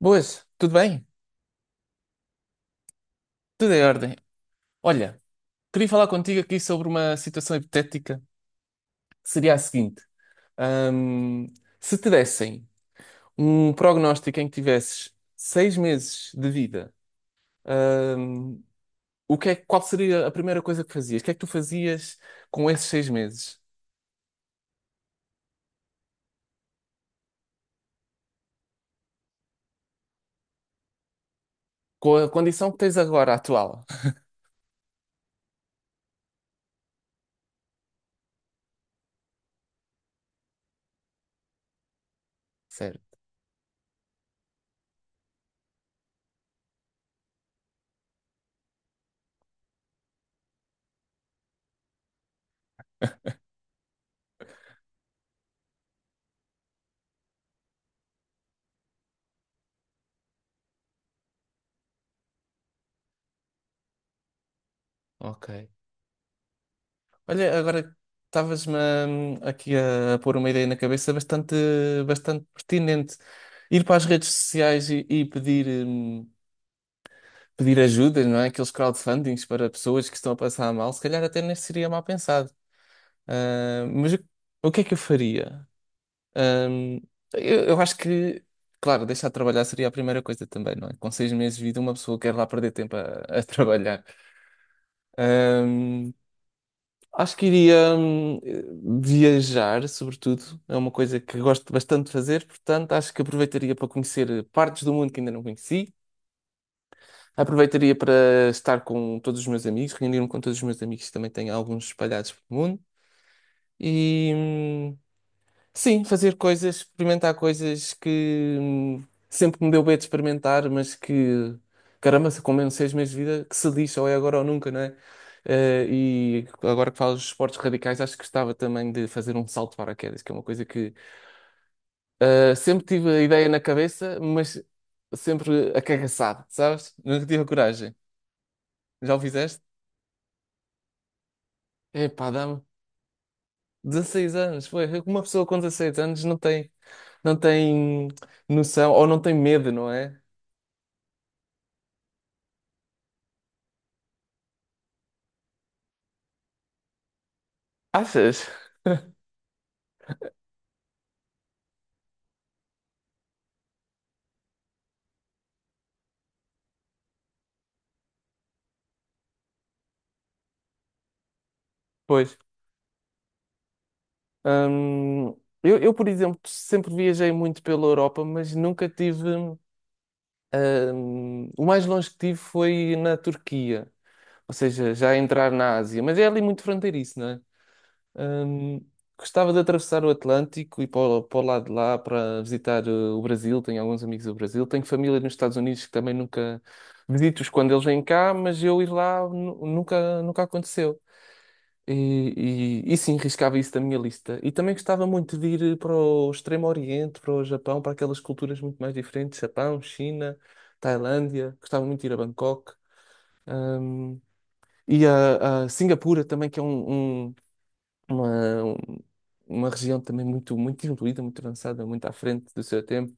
Boas, tudo bem? Tudo em ordem. Olha, queria falar contigo aqui sobre uma situação hipotética que seria a seguinte: Ahm, se te dessem um prognóstico em que tivesses 6 meses de vida, ahm, qual seria a primeira coisa que fazias? O que é que tu fazias com esses 6 meses? Com a condição que tens agora, atual? Sério? Ok. Olha, agora estavas-me aqui a pôr uma ideia na cabeça bastante, bastante pertinente. Ir para as redes sociais e pedir ajuda, não é? Aqueles crowdfundings para pessoas que estão a passar mal, se calhar até nem seria mal pensado. Mas o que é que eu faria? Hum, eu acho que, claro, deixar de trabalhar seria a primeira coisa também, não é? Com seis meses de vida, uma pessoa quer lá perder tempo a trabalhar. Hum, Acho que iria viajar, sobretudo. É uma coisa que gosto bastante de fazer, portanto, acho que aproveitaria para conhecer partes do mundo que ainda não conheci. Aproveitaria para estar com todos os meus amigos, reunir-me com todos os meus amigos que também tenho alguns espalhados pelo mundo. E, hum, Sim, fazer coisas, experimentar coisas que sempre me deu bem de experimentar, mas que, caramba, se como eu não sei as minhas vidas, que se lixa, ou é agora ou nunca, não é? E agora que falas dos esportes radicais, acho que gostava também de fazer um salto de paraquedas, que é uma coisa que sempre tive a ideia na cabeça, mas sempre acagaçado, sabes? Nunca tive a coragem. Já o fizeste? Epá, dá-me 16 anos, foi. Uma pessoa com 16 anos não tem noção, ou não tem medo, não é? Achas? Pois. Hum, eu, por exemplo, sempre viajei muito pela Europa, mas nunca tive. O mais longe que tive foi na Turquia, ou seja, já a entrar na Ásia, mas é ali muito fronteiriço, não é? Hum, gostava de atravessar o Atlântico e para o lado de lá para visitar o Brasil. Tenho alguns amigos do Brasil, tenho família nos Estados Unidos que também nunca visito-os quando eles vêm cá, mas eu ir lá nunca aconteceu. E sim, riscava isso da minha lista. E também gostava muito de ir para o Extremo Oriente, para o Japão, para aquelas culturas muito mais diferentes, Japão, China, Tailândia. Gostava muito de ir a Bangkok. Hum, e a Singapura também, que é uma, um- uma região também muito, muito evoluída, muito avançada, muito à frente do seu tempo.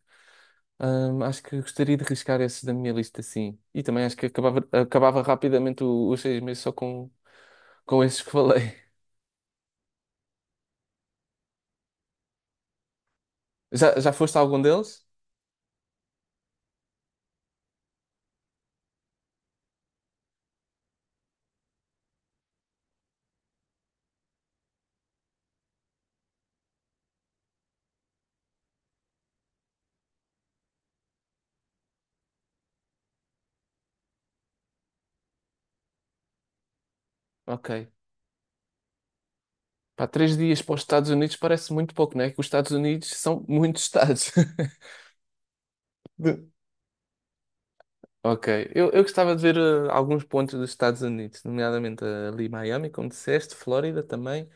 Acho que gostaria de riscar esses da minha lista, sim. E também acho que acabava rapidamente os 6 meses só com esses que falei. Já foste a algum deles? Ok. Pá, 3 dias para os Estados Unidos parece muito pouco, não é? Que os Estados Unidos são muitos estados. De- Ok. Eu gostava de ver alguns pontos dos Estados Unidos, nomeadamente ali Miami, como disseste, Flórida também.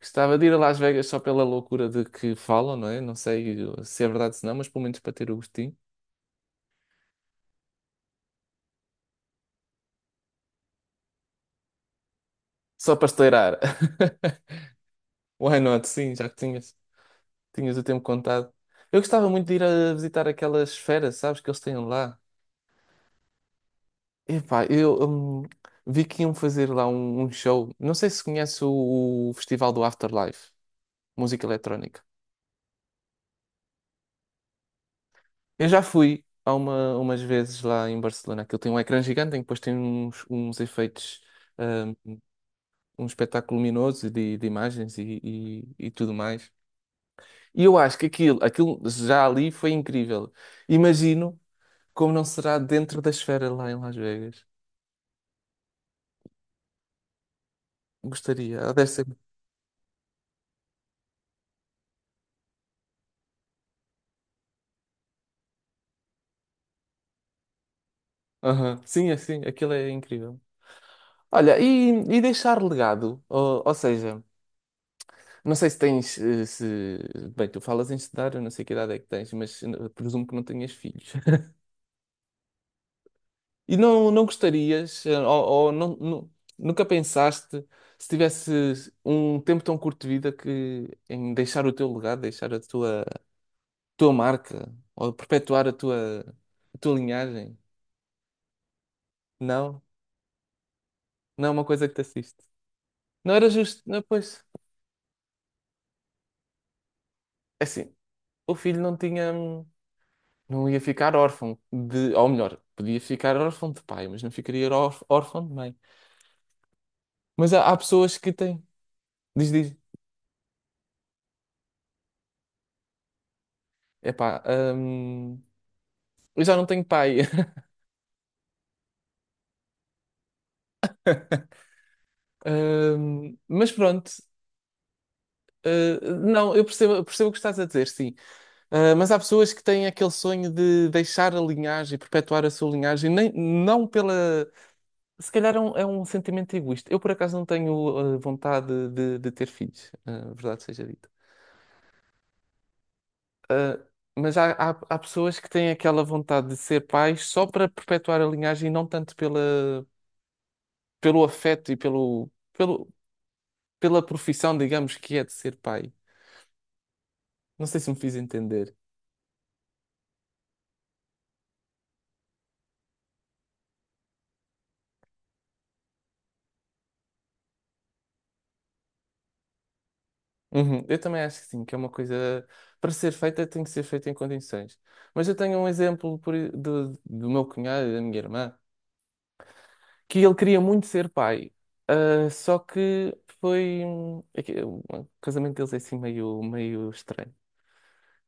Gostava de ir a Las Vegas só pela loucura de que falam, não é? Não sei se é verdade ou não, mas pelo menos para ter o gostinho. Só para estourar. Why not? Sim, já que tinhas o tempo contado. Eu gostava muito de ir a visitar aquelas esfera, sabes, que eles têm lá. Epá, eu vi que iam fazer lá um show. Não sei se conhece o Festival do Afterlife, música eletrónica. Eu já fui há umas vezes lá em Barcelona. Aquilo tem um ecrã gigante em que depois tem uns efeitos, hum, um espetáculo luminoso de imagens e tudo mais. E eu acho que aquilo já ali foi incrível. Imagino como não será dentro da esfera lá em Las Vegas. Gostaria. Deve ser. Aham. Sim, assim, aquilo é incrível. Olha, e, deixar legado, ou seja, não sei se tens, eh, se, bem, tu falas em estudar, eu não sei que idade é que tens, mas presumo que não tenhas filhos. E não, não gostarias, ou não, nunca pensaste, se tivesse um tempo tão curto de vida, que em deixar o teu legado, deixar a tua marca, ou perpetuar a tua linhagem? Não? Não é uma coisa que te assiste. Não era justo, não, pois, é assim, o filho não tinha. Não ia ficar órfão de, ou melhor, podia ficar órfão de pai, mas não ficaria órfão de mãe. Mas há pessoas que têm, diz, diz, epá, hum, eu já não tenho pai, Mas pronto, uh, não, eu percebo o que estás a dizer, sim, Mas há pessoas que têm aquele sonho de deixar a linhagem, perpetuar a sua linhagem, nem, não pela, se calhar é um sentimento egoísta. Eu, por acaso, não tenho vontade de ter filhos, verdade seja dita. Ah, mas há pessoas que têm aquela vontade de ser pais só para perpetuar a linhagem e não tanto pelo afeto e pela profissão, digamos, que é de ser pai. Não sei se me fiz entender. Uhum. Eu também acho que sim, que é uma coisa para ser feita tem que ser feita em condições. Mas eu tenho um exemplo por do meu cunhado e da minha irmã. Que ele queria muito ser pai. Só que foi. É que o casamento deles é assim meio, meio estranho.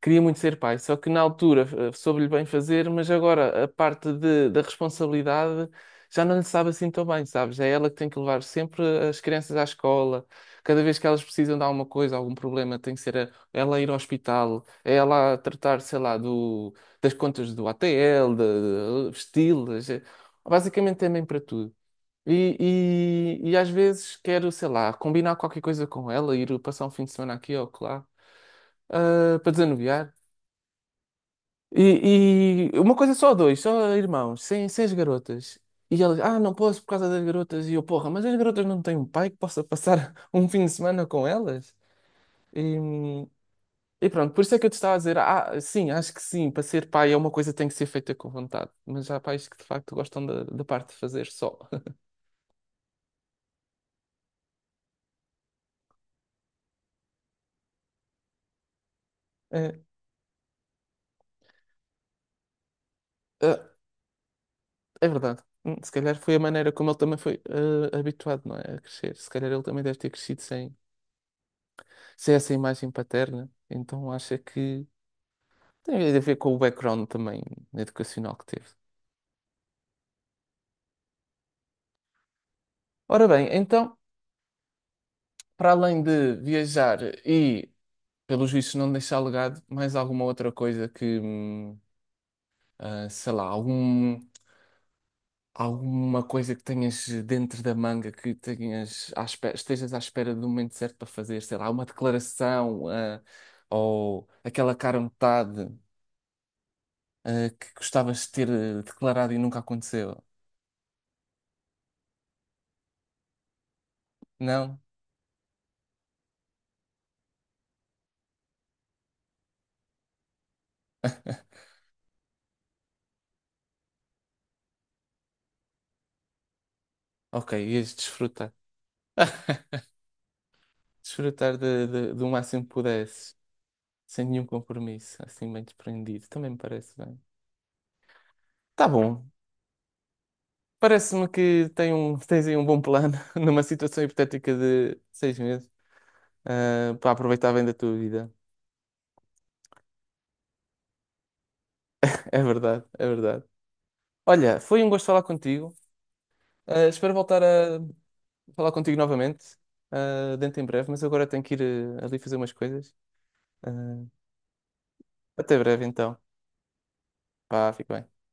Queria muito ser pai, só que na altura soube-lhe bem fazer, mas agora a parte da responsabilidade já não lhe sabe assim tão bem, sabes? É ela que tem que levar sempre as crianças à escola. Cada vez que elas precisam de alguma coisa, algum problema, tem que ser ela a ir ao hospital, é ela a tratar, sei lá, das contas do ATL, de estilos. Basicamente é mãe para tudo. E, e às vezes quero, sei lá, combinar qualquer coisa com ela, ir passar um fim de semana aqui ou lá, para desanuviar. E uma coisa só dois, só irmãos, sem as garotas. E ela, não posso por causa das garotas. E eu, porra, mas as garotas não têm um pai que possa passar um fim de semana com elas? E, e pronto, por isso é que eu te estava a dizer, sim, acho que sim, para ser pai é uma coisa que tem que ser feita com vontade. Mas há pais que de facto gostam da parte de fazer só. Ah, é verdade. Se calhar foi a maneira como ele também foi habituado, não é? A crescer. Se calhar ele também deve ter crescido sem essa imagem paterna. Então acha que tem a ver com o background também educacional que teve. Ora bem, então, para além de viajar e, pelos vistos, não deixar legado, mais alguma outra coisa que, sei lá, algum. Alguma coisa que tenhas dentro da manga que tenhas à espera, estejas à espera do momento certo para fazer, sei lá, uma declaração, ou aquela cara metade, que gostavas de ter declarado e nunca aconteceu. Não? Ok, ias desfrutar. Desfrutar do máximo que pudesses, sem nenhum compromisso, assim bem desprendido. Também me parece bem. Tá bom. Parece-me que tens aí um bom plano numa situação hipotética de 6 meses. Para aproveitar bem da tua vida. É verdade, é verdade. Olha, foi um gosto falar contigo. Espero voltar a falar contigo novamente, dentro em breve, mas agora tenho que ir ali fazer umas coisas. Ah, até breve, então. Pá, fico bem.